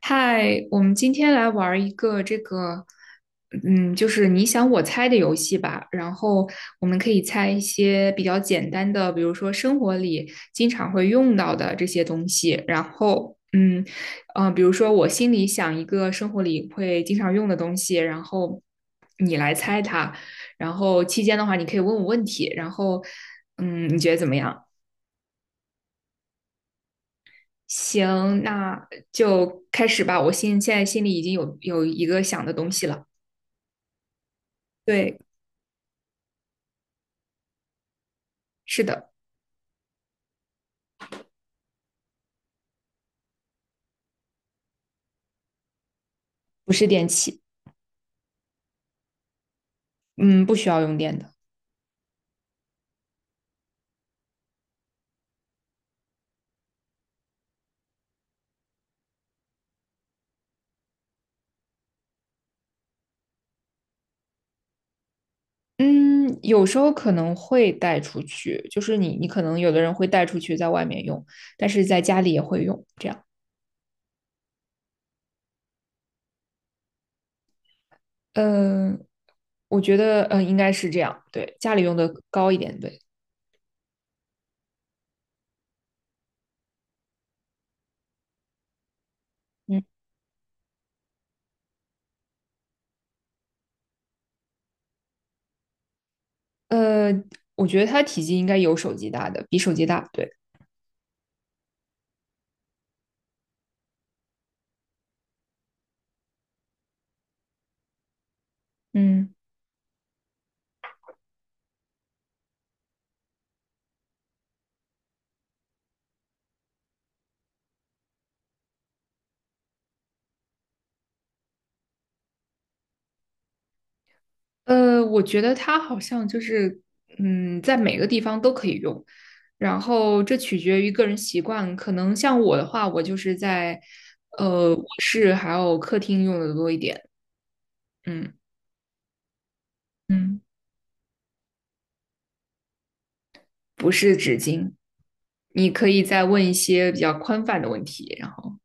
嗨，我们今天来玩儿一个这个，就是你想我猜的游戏吧。然后我们可以猜一些比较简单的，比如说生活里经常会用到的这些东西。然后，比如说我心里想一个生活里会经常用的东西，然后你来猜它。然后期间的话，你可以问我问题。然后，嗯，你觉得怎么样？行，那就开始吧。我现在心里已经有一个想的东西了。对，是的，不是电器，嗯，不需要用电的。嗯，有时候可能会带出去，就是你可能有的人会带出去在外面用，但是在家里也会用，这样。嗯、我觉得应该是这样，对，家里用的高一点，对，嗯，呃，我觉得它体积应该有手机大的，比手机大，对，嗯。我觉得它好像就是，嗯，在每个地方都可以用，然后这取决于个人习惯。可能像我的话，我就是在卧室还有客厅用的多一点，嗯嗯，不是纸巾。你可以再问一些比较宽泛的问题，然后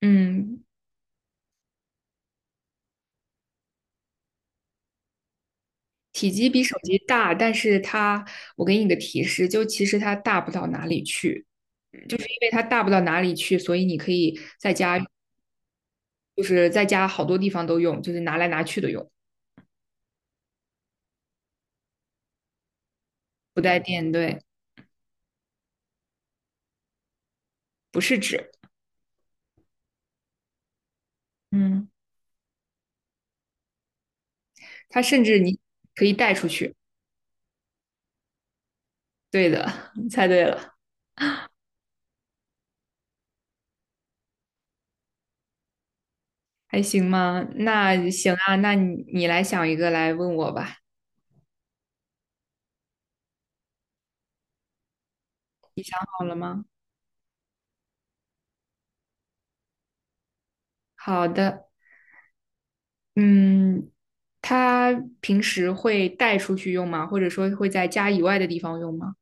嗯，体积比手机大，但是它，我给你个提示，就其实它大不到哪里去，就是因为它大不到哪里去，所以你可以在家就是在家好多地方都用，就是拿来拿去的用，不带电，对，不是纸，嗯，它甚至你可以带出去。对的，你猜对了，还行吗？那行啊，那你来想一个来问我吧，好了吗？好的，嗯，它平时会带出去用吗？或者说会在家以外的地方用吗？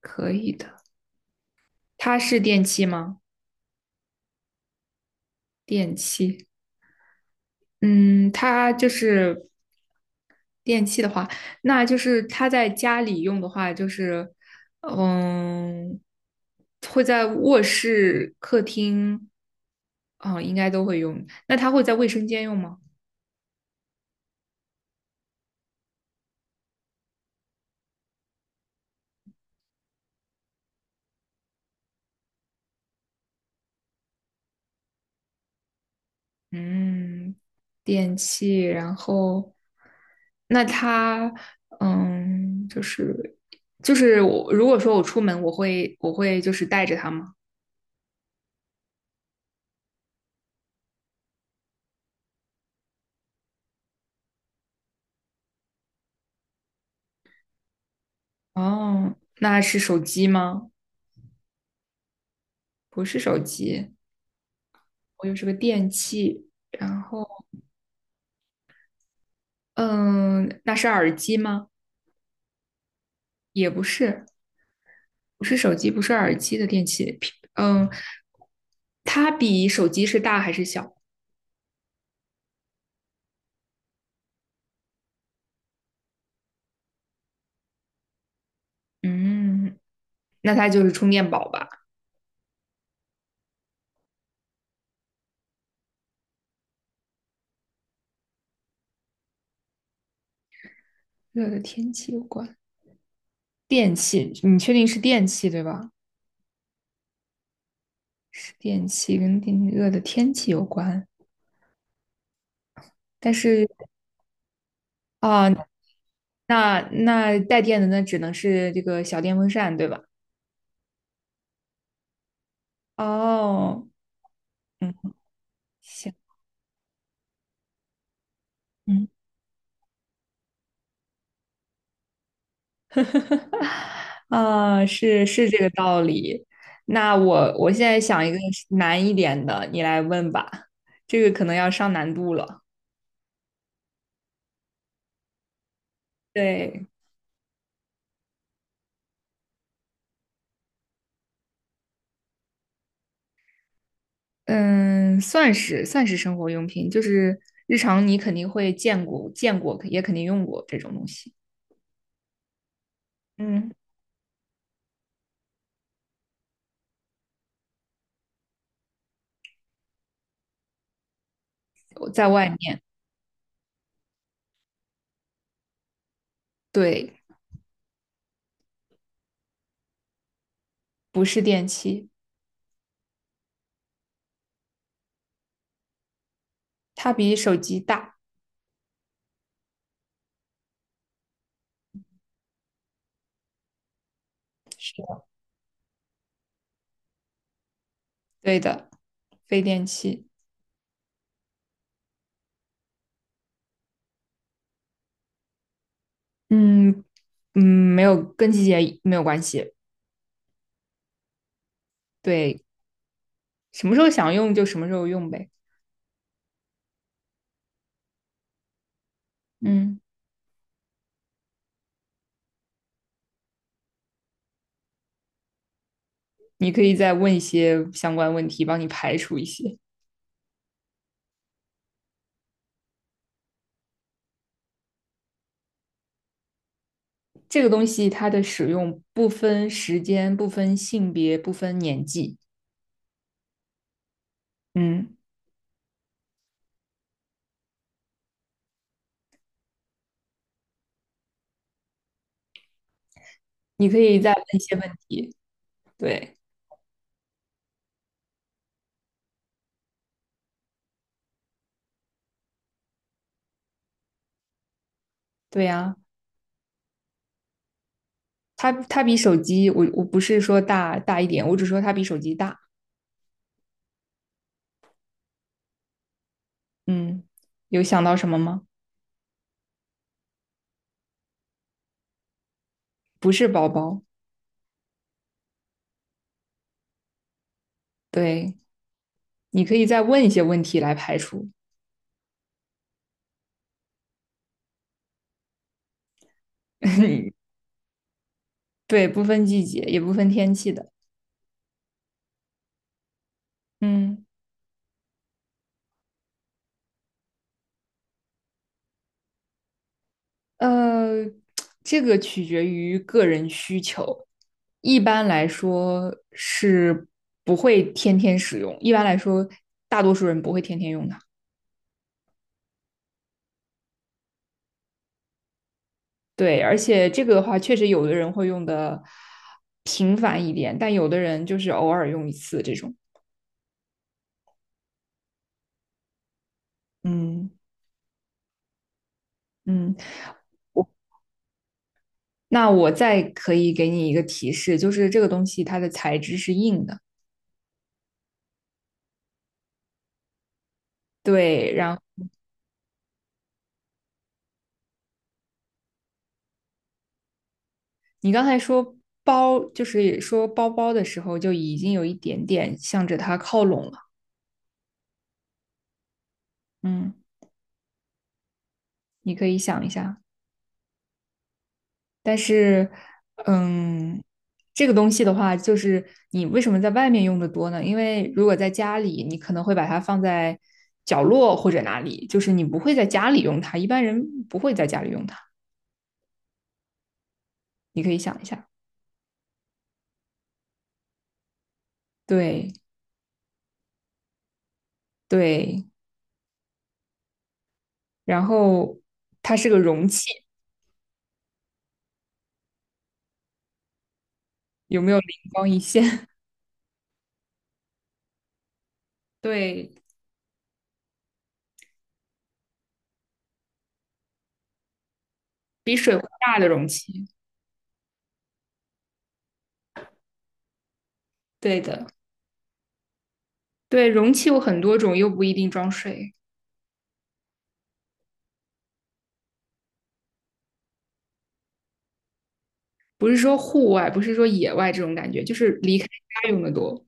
可以的，它是电器吗？电器，嗯，它就是电器的话，那就是他在家里用的话，就是嗯，会在卧室、客厅，嗯，应该都会用。那他会在卫生间用吗？嗯，电器，然后那他嗯，就是就是我如果说我出门，我会就是带着它吗？哦，那是手机吗？不是手机，我就是个电器，然后。嗯，那是耳机吗？也不是，不是手机，不是耳机的电器。平嗯，它比手机是大还是小？嗯，那它就是充电宝吧。热的天气有关，电器，你确定是电器对吧？是电器跟电热的天气有关，但是啊，那那带电的那只能是这个小电风扇对吧？哦，嗯，行。嗯。啊，是是这个道理。那我现在想一个难一点的，你来问吧。这个可能要上难度了。对，嗯，算是生活用品，就是日常你肯定会见过，也肯定用过这种东西。嗯，我在外面，对，不是电器，它比手机大，是的，对的，非电器。嗯嗯，没有，跟季节没有关系。对，什么时候想用就什么时候用呗。嗯，你可以再问一些相关问题，帮你排除一些。这个东西它的使用不分时间、不分性别、不分年纪。嗯，你可以再问一些问题。对，对呀，它它比手机，我不是说大大一点，我只说它比手机大。嗯，有想到什么吗？不是包包。对，你可以再问一些问题来排除。对，不分季节，也不分天气的。嗯。呃，这个取决于个人需求，一般来说是不会天天使用，一般来说大多数人不会天天用的。对，而且这个的话，确实有的人会用的频繁一点，但有的人就是偶尔用一次这种。嗯嗯，那我再可以给你一个提示，就是这个东西它的材质是硬的，对，然你刚才说包，就是说包包的时候，就已经有一点点向着它靠拢了。嗯，你可以想一下。但是，嗯，这个东西的话，就是你为什么在外面用的多呢？因为如果在家里，你可能会把它放在角落或者哪里，就是你不会在家里用它，一般人不会在家里用它。你可以想一下，对对，然后它是个容器，有没有灵光一现？对比水壶大的容器。对的，对，容器有很多种，又不一定装水。不是说户外，不是说野外这种感觉，就是离开家用的多。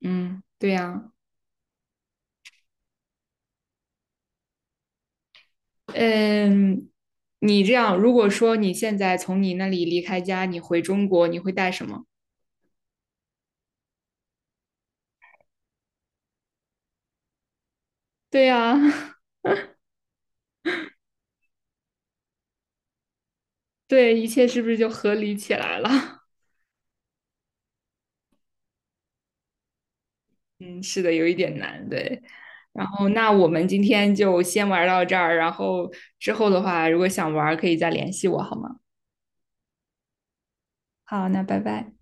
嗯，对呀，嗯，你这样，如果说你现在从你那里离开家，你回中国，你会带什么？对呀，对，一切是不是就合理起来了？嗯，是的，有一点难，对。然后，那我们今天就先玩到这儿，然后之后的话，如果想玩，可以再联系我，好吗？好，那拜拜。